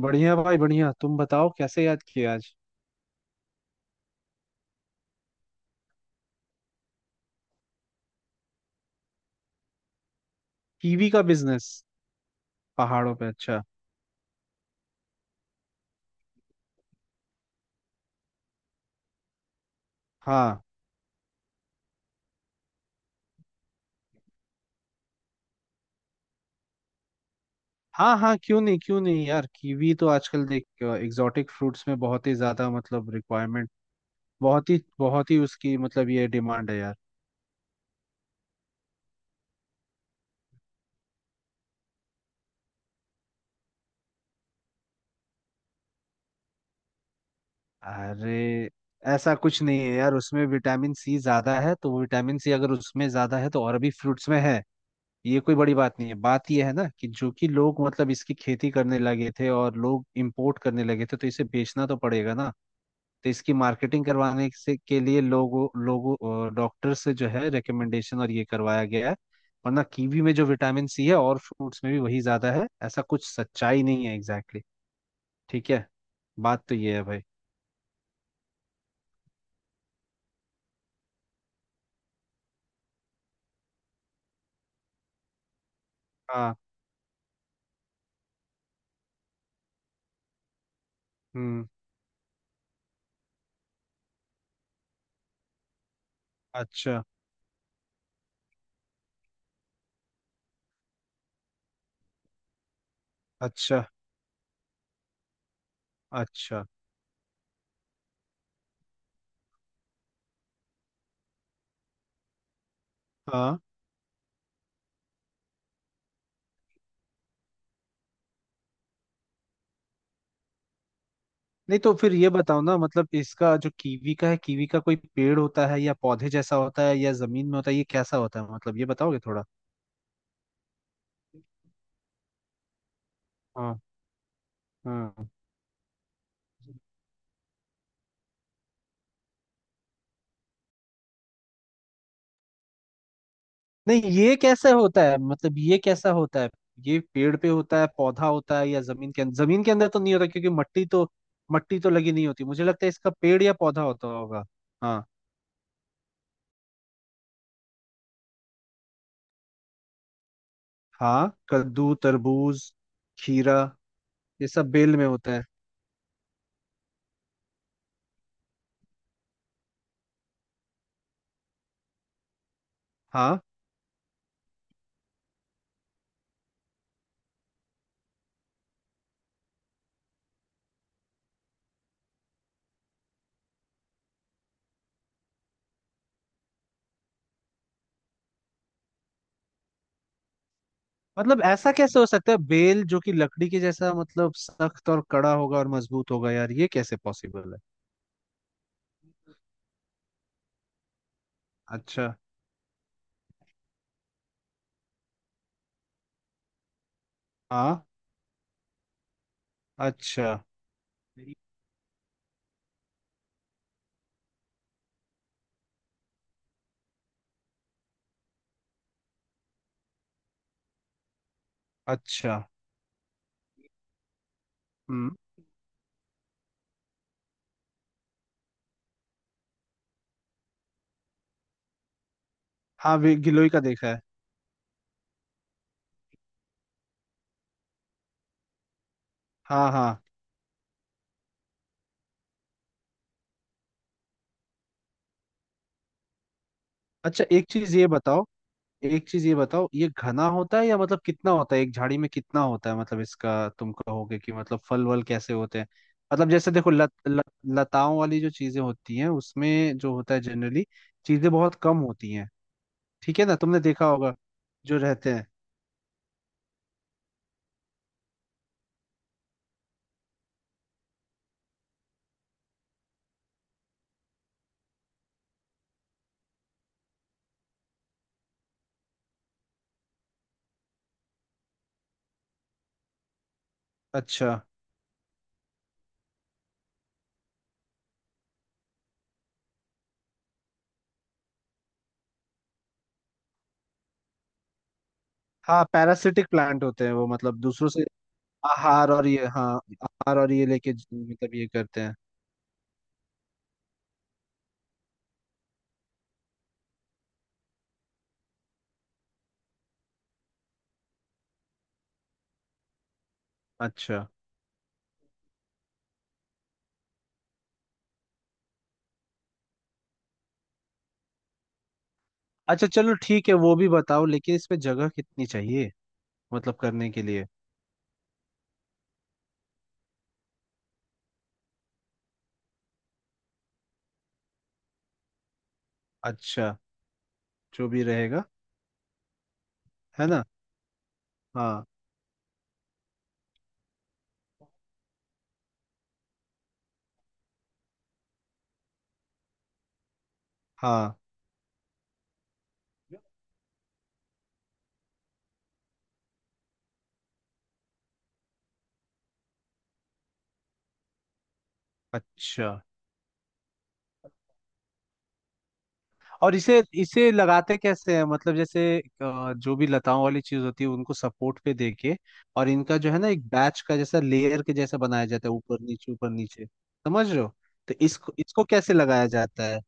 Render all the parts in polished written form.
बढ़िया भाई बढ़िया। तुम बताओ कैसे याद किया आज? कीवी का बिजनेस? पहाड़ों पे? अच्छा। हाँ हाँ, हाँ क्यों नहीं, क्यों नहीं यार। कीवी तो आजकल देख एग्जॉटिक फ्रूट्स में बहुत ही ज्यादा मतलब रिक्वायरमेंट। बहुत ही उसकी मतलब ये डिमांड है यार। अरे, ऐसा कुछ नहीं है यार। उसमें विटामिन सी ज्यादा है तो वो विटामिन सी अगर उसमें ज्यादा है तो और भी फ्रूट्स में है। ये कोई बड़ी बात नहीं है। बात ये है ना कि जो कि लोग मतलब इसकी खेती करने लगे थे और लोग इंपोर्ट करने लगे थे तो इसे बेचना तो पड़ेगा ना। तो इसकी मार्केटिंग करवाने से के लिए लोगों लोगों डॉक्टर से जो है रिकमेंडेशन और ये करवाया गया है। वरना कीवी में जो विटामिन सी है और फ्रूट्स में भी वही ज्यादा है, ऐसा कुछ सच्चाई नहीं है। Exactly exactly। ठीक है। बात तो ये है भाई। हाँ। हम्म। अच्छा, अच्छा, अच्छा। हाँ। नहीं तो फिर ये बताओ ना, मतलब इसका जो कीवी का है, कीवी का कोई पेड़ होता है या पौधे जैसा होता है या जमीन में होता है, ये कैसा होता है? मतलब ये बताओगे थोड़ा। हाँ, हाँ। नहीं, ये कैसे होता है? मतलब ये कैसा होता है? ये पेड़ पे होता है, पौधा होता है या जमीन के अंदर? जमीन के अंदर तो नहीं होता क्योंकि मट्टी तो, मट्टी तो लगी नहीं होती। मुझे लगता है इसका पेड़ या पौधा होता होगा। हाँ। हाँ, कद्दू, तरबूज, खीरा। ये सब बेल में होता है। हाँ। मतलब ऐसा कैसे हो सकता है? बेल जो कि लकड़ी के जैसा मतलब सख्त और कड़ा होगा और मजबूत होगा, यार ये कैसे पॉसिबल है? अच्छा। हाँ। अच्छा। अच्छा। हम्म। हाँ गिलोय का देखा है। हाँ, हाँ। अच्छा, एक चीज ये बताओ। एक चीज ये बताओ, ये घना होता है या मतलब कितना होता है, एक झाड़ी में कितना होता है मतलब इसका? तुम कहोगे कि मतलब फल वल कैसे होते हैं? मतलब जैसे देखो लत, लत, लताओं वाली जो चीजें होती हैं, उसमें जो होता है जनरली चीजें बहुत कम होती हैं। ठीक है ना, तुमने देखा होगा जो रहते हैं। अच्छा। हाँ, पैरासिटिक प्लांट होते हैं वो मतलब दूसरों से आहार और ये, हाँ, आहार और ये लेके मतलब ये करते हैं। अच्छा। अच्छा चलो ठीक है, वो भी बताओ। लेकिन इसमें जगह कितनी चाहिए, मतलब करने के लिए? अच्छा। जो भी रहेगा। है ना? हाँ। हाँ। अच्छा। और इसे इसे लगाते कैसे हैं? मतलब जैसे जो भी लताओं वाली चीज होती है उनको सपोर्ट पे देके, और इनका जो है ना एक बैच का जैसा लेयर के जैसा बनाया जाता है ऊपर नीचे ऊपर नीचे, समझ रहे हो? तो इसको इसको कैसे लगाया जाता है?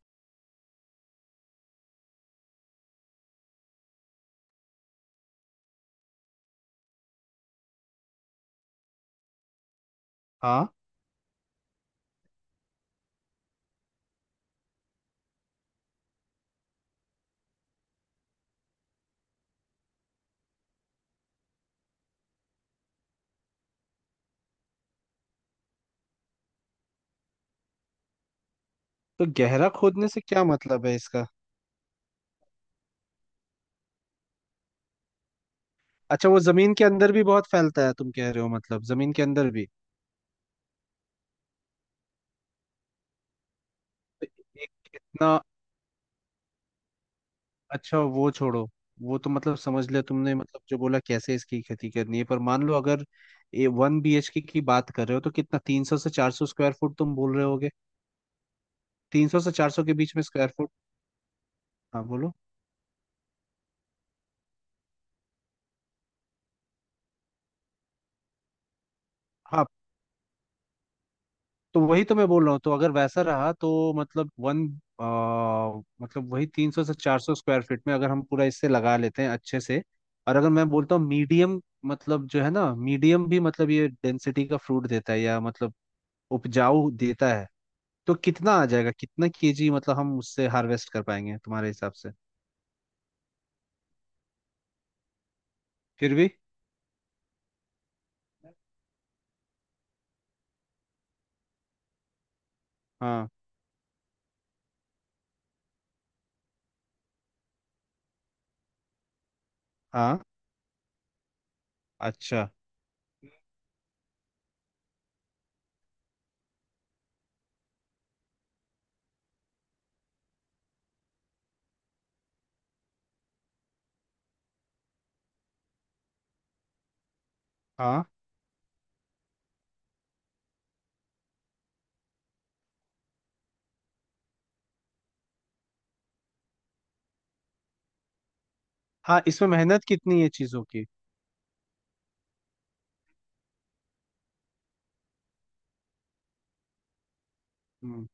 हाँ। तो गहरा खोदने से क्या मतलब है इसका? अच्छा, वो जमीन के अंदर भी बहुत फैलता है तुम कह रहे हो, मतलब जमीन के अंदर भी? तो एक इतना। अच्छा वो छोड़ो, वो तो मतलब समझ लिया तुमने मतलब जो बोला कैसे इसकी खेती करनी है। पर मान लो अगर 1 BHK की बात कर रहे हो, तो कितना, 300 से 400 स्क्वायर फुट तुम बोल रहे होगे? 300 से 400 के बीच में स्क्वायर फुट। हाँ, बोलो। हाँ, तो वही तो मैं बोल रहा हूँ। तो अगर वैसा रहा तो मतलब वन, आ, मतलब वही 300 से 400 स्क्वायर फीट में अगर हम पूरा इससे लगा लेते हैं अच्छे से, और अगर मैं बोलता हूँ मीडियम, मतलब जो है ना मीडियम भी मतलब ये डेंसिटी का फ्रूट देता है या मतलब उपजाऊ देता है, तो कितना आ जाएगा, कितना केजी मतलब हम उससे हार्वेस्ट कर पाएंगे तुम्हारे हिसाब से? फिर भी। हाँ। हाँ। अच्छा। हाँ, हाँ। इसमें मेहनत कितनी है चीजों की? हम्म।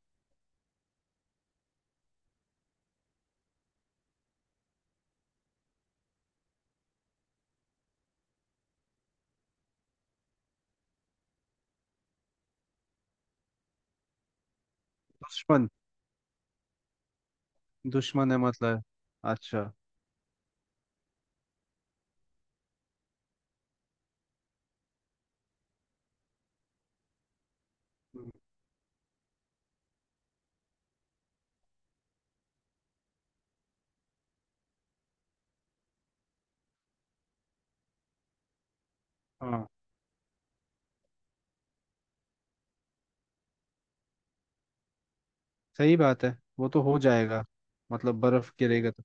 दुश्मन? दुश्मन है मतलब? अच्छा। हम्म। हाँ सही बात है, वो तो हो जाएगा। मतलब बर्फ गिरेगा तो?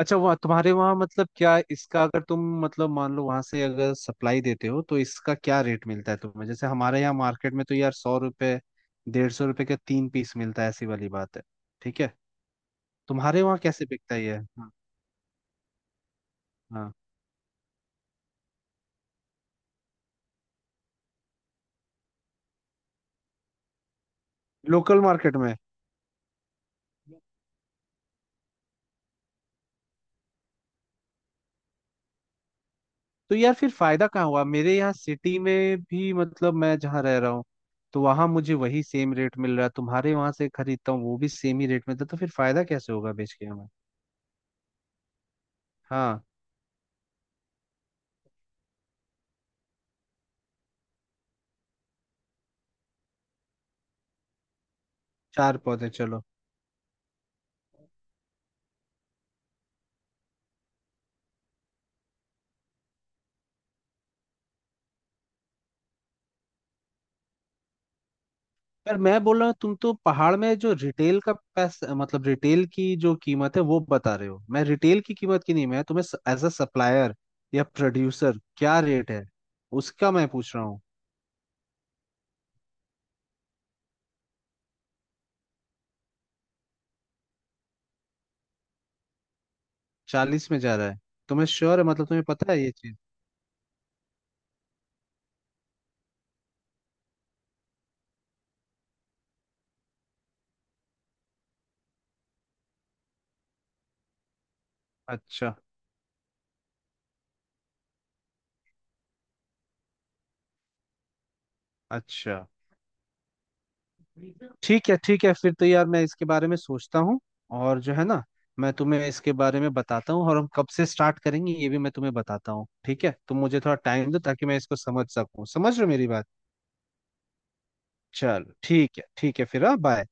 अच्छा, वहाँ तुम्हारे वहाँ मतलब क्या इसका, अगर तुम मतलब मान लो वहां से अगर सप्लाई देते हो तो इसका क्या रेट मिलता है तुम्हें? जैसे हमारे यहाँ मार्केट में तो यार 100 रुपये, 150 रुपये के तीन पीस मिलता है, ऐसी वाली बात है। ठीक है, तुम्हारे वहां कैसे बिकता है ये? हाँ। हाँ। लोकल मार्केट में? तो यार फिर फायदा कहाँ हुआ, मेरे यहाँ सिटी में भी मतलब मैं जहाँ रह रहा हूँ तो वहां मुझे वही सेम रेट मिल रहा है, तुम्हारे वहां से खरीदता हूँ वो भी सेम ही रेट में था, तो फिर फायदा कैसे होगा बेच के हमें? हाँ। चार पौधे चलो। पर मैं बोल रहा हूँ तुम तो पहाड़ में जो रिटेल का पैसा, मतलब रिटेल की जो कीमत है वो बता रहे हो, मैं रिटेल की कीमत की नहीं, मैं तुम्हें एज अ सप्लायर या प्रोड्यूसर क्या रेट है उसका मैं पूछ रहा हूँ। 40 में जा रहा है? तुम्हें श्योर है, मतलब तुम्हें पता है ये चीज? अच्छा। अच्छा। ठीक है, ठीक है। फिर तो यार मैं इसके बारे में सोचता हूँ, और जो है ना, मैं तुम्हें इसके बारे में बताता हूँ और हम कब से स्टार्ट करेंगे ये भी मैं तुम्हें बताता हूँ। ठीक है, तुम मुझे थोड़ा टाइम दो ताकि मैं इसको समझ सकूँ। समझ रहे हो मेरी बात? चलो ठीक है, ठीक है फिर। हाँ, बाय।